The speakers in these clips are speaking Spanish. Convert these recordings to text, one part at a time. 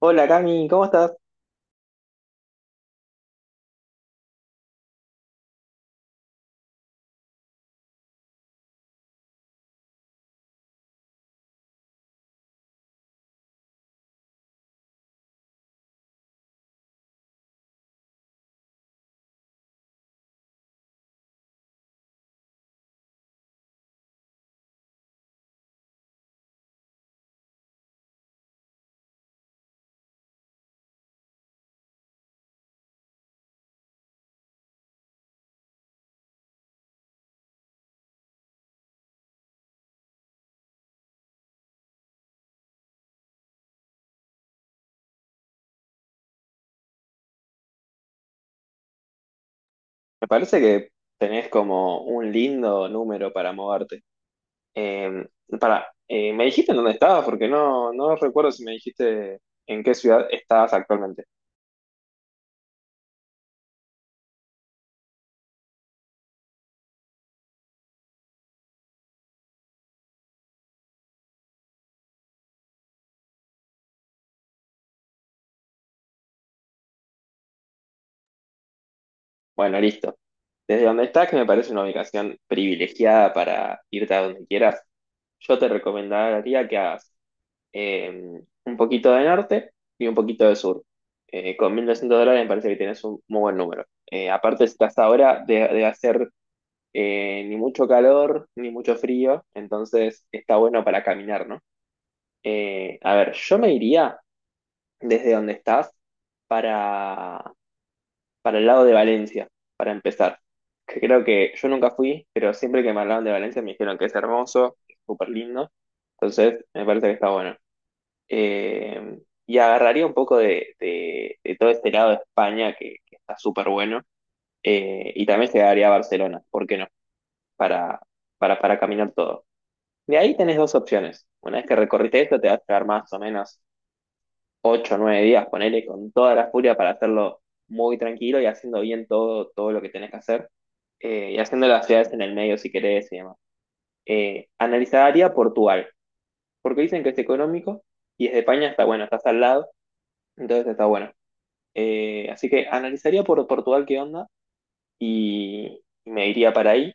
Hola, Cami, ¿cómo estás? Me parece que tenés como un lindo número para moverte. Eh, para, ¿me dijiste en dónde estabas? Porque no recuerdo si me dijiste en qué ciudad estabas actualmente. Bueno, listo. Desde donde estás, que me parece una ubicación privilegiada para irte a donde quieras, yo te recomendaría que hagas eh, un poquito de norte y un poquito de sur. Con 1200 dólares me parece que tienes un muy buen número. Aparte, estás ahora de hacer ni mucho calor, ni mucho frío, entonces está bueno para caminar, ¿no? A ver, yo me iría desde donde estás para, para el lado de Valencia, para empezar. Que creo que yo nunca fui, pero siempre que me hablaban de Valencia me dijeron que es hermoso, que es súper lindo, entonces me parece que está bueno. Eh, y agarraría un poco de todo este lado de España que está súper bueno, y también llegaría a Barcelona, ¿por qué no? Para, para caminar todo. De ahí tenés dos opciones. Una vez que recorriste esto, te vas a quedar más o menos 8 o 9 días, ponele, con toda la furia, para hacerlo muy tranquilo y haciendo bien todo, todo lo que tenés que hacer. Eh, y haciendo las ciudades en el medio si querés y demás. Analizaría Portugal, porque dicen que es económico y desde España está bueno, estás al lado, entonces está bueno. Así que analizaría por Portugal qué onda y me iría para ahí.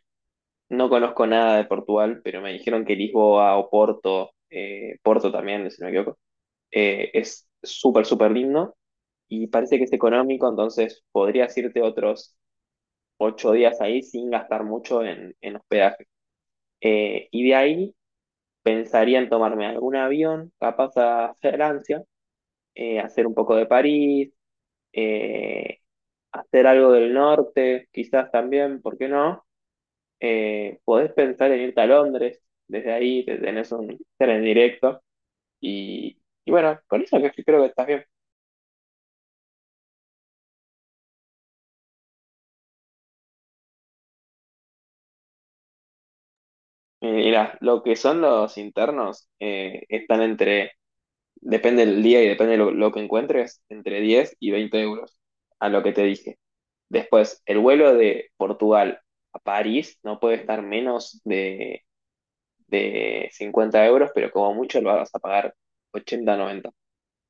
No conozco nada de Portugal, pero me dijeron que Lisboa o Porto, Porto también, si no me equivoco. Es súper, súper lindo y parece que es económico, entonces podrías irte otros 8 días ahí sin gastar mucho en hospedaje. Y de ahí pensaría en tomarme algún avión, capaz a Francia, hacer un poco de París, eh, hacer algo del norte, quizás también, ¿por qué no? Podés pensar en irte a Londres, desde ahí te tenés un tren directo y bueno, con eso, que creo que estás bien. Mirá, lo que son los internos, están entre, depende del día y depende lo que encuentres, entre 10 y 20 euros, a lo que te dije. Después, el vuelo de Portugal a París no puede estar menos de 50 euros, pero como mucho lo vas a pagar 80, 90,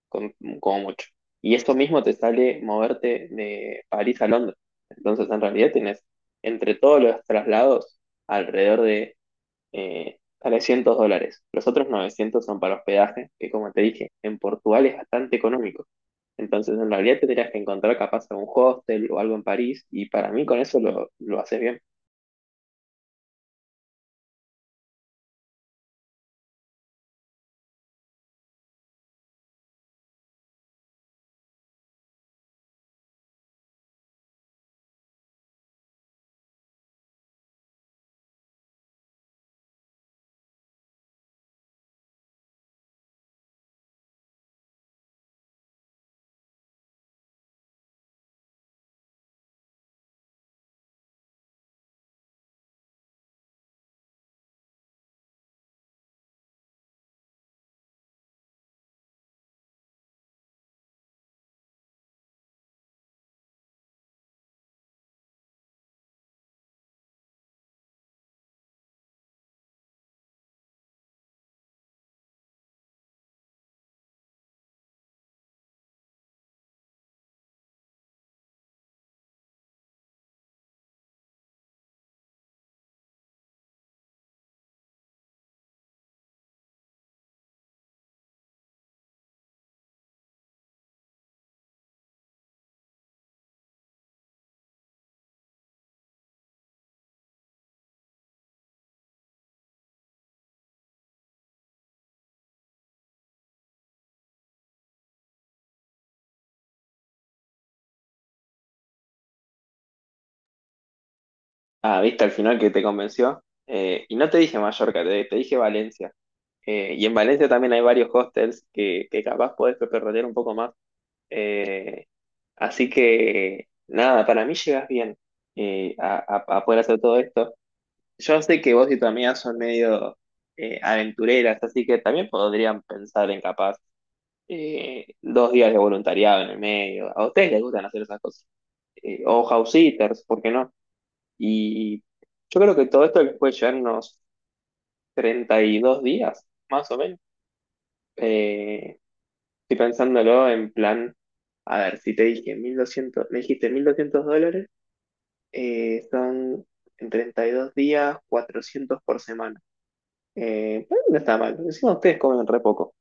con- como mucho. Y eso mismo te sale moverte de París a Londres. Entonces, en realidad tienes entre todos los traslados alrededor de 300 dólares. Los otros 900 son para hospedaje, que, como te dije, en Portugal es bastante económico. Entonces, en realidad tendrías que encontrar capaz algún hostel o algo en París, y para mí con eso lo haces bien. Ah, viste al final que te convenció. Y no te dije Mallorca, te dije Valencia. Y en Valencia también hay varios hostels que capaz podés perder un poco más. Eh, así que, nada, para mí llegas bien, a poder hacer todo esto. Yo sé que vos y tu amiga son medio, aventureras, así que también podrían pensar en capaz dos días de voluntariado en el medio. A ustedes les gustan hacer esas cosas. O house sitters, ¿por qué no? Y yo creo que todo esto les puede llevar unos 32 días, más o menos. Eh, estoy pensándolo en plan, a ver, si te dije 1200, me dijiste 1200 dólares, son en 32 días 400 por semana. Pero no está mal, porque encima ustedes comen re poco.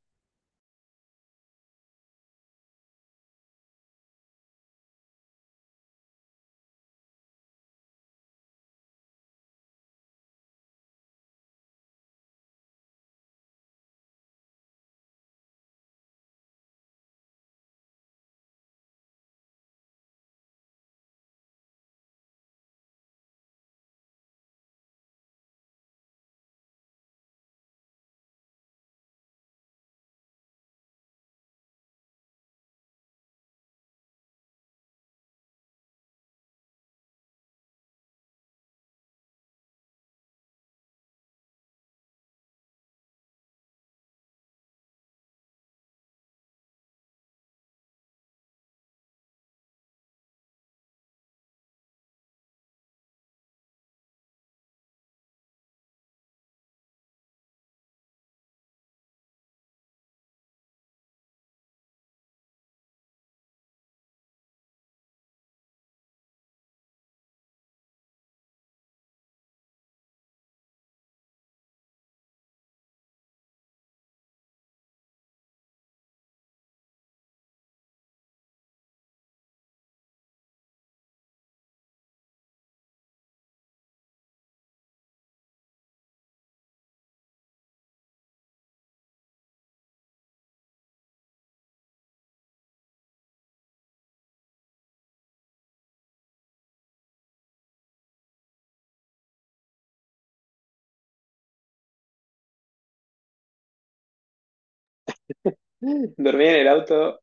Dormir en el auto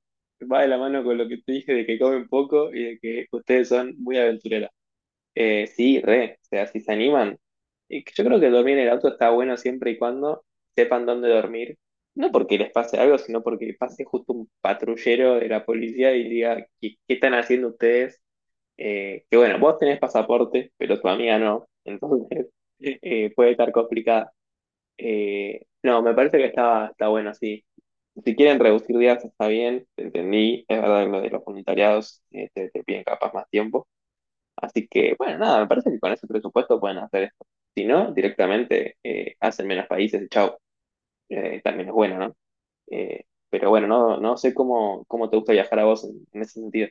va de la mano con lo que te dije de que comen poco y de que ustedes son muy aventureros. Sí, re, o sea, si se animan. Y que yo creo que dormir en el auto está bueno siempre y cuando sepan dónde dormir. No porque les pase algo, sino porque pase justo un patrullero de la policía y diga, ¿qué, qué están haciendo ustedes? Que bueno, vos tenés pasaporte, pero tu amiga no. Entonces, puede estar complicada. No, me parece que está, está bueno, sí. Si quieren reducir días está bien, te entendí, es verdad que lo de los voluntariados, te piden capaz más tiempo. Así que, bueno, nada, me parece que con ese presupuesto pueden hacer esto. Si no, directamente, hacen menos países y chau. También es bueno, ¿no? Pero bueno, no, no sé cómo, cómo te gusta viajar a vos en ese sentido.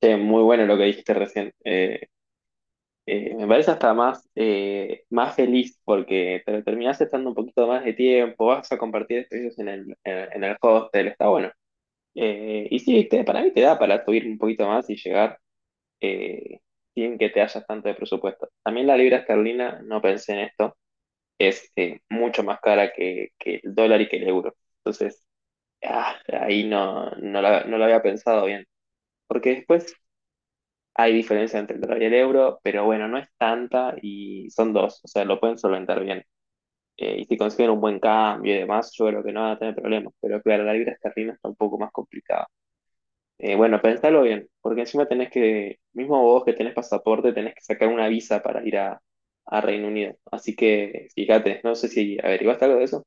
Che, muy bueno lo que dijiste recién. Me parece hasta más, más feliz porque te lo terminás estando un poquito más de tiempo, vas a compartir espacios en el, en el hostel, está bueno. Y sí, para mí te da para subir un poquito más y llegar eh, sin que te hayas tanto de presupuesto. También la libra esterlina, no pensé en esto, es, mucho más cara que el dólar y que el euro. Entonces, ah, ahí no, no lo había pensado bien. Porque después hay diferencia entre el dólar y el euro, pero bueno, no es tanta y son dos, o sea, lo pueden solventar bien. Y si consiguen un buen cambio y demás, yo creo que no van a tener problemas. Pero claro, la libra esterlina está un poco más complicada. Bueno, pensalo bien, porque encima tenés que, mismo vos que tenés pasaporte, tenés que sacar una visa para ir a Reino Unido. Así que fíjate, no sé si averiguaste algo de eso.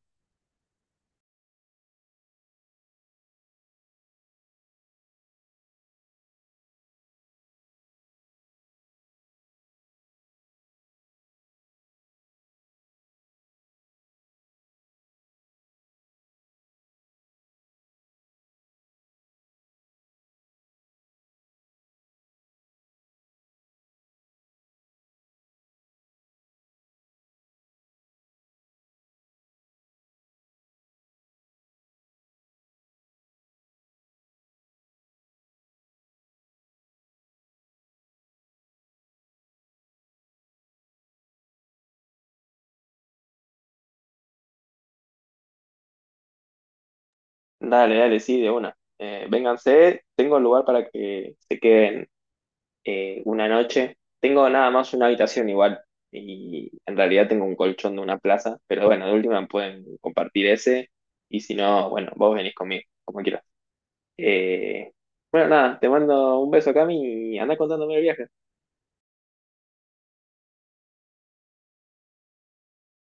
Dale, dale, sí, de una. Vénganse, tengo lugar para que se queden una noche. Tengo nada más una habitación igual, y en realidad tengo un colchón de una plaza, pero bueno, de última pueden compartir ese y si no, bueno, vos venís conmigo, como quieras. Eh, bueno, nada, te mando un beso, Cami, y anda contándome el viaje.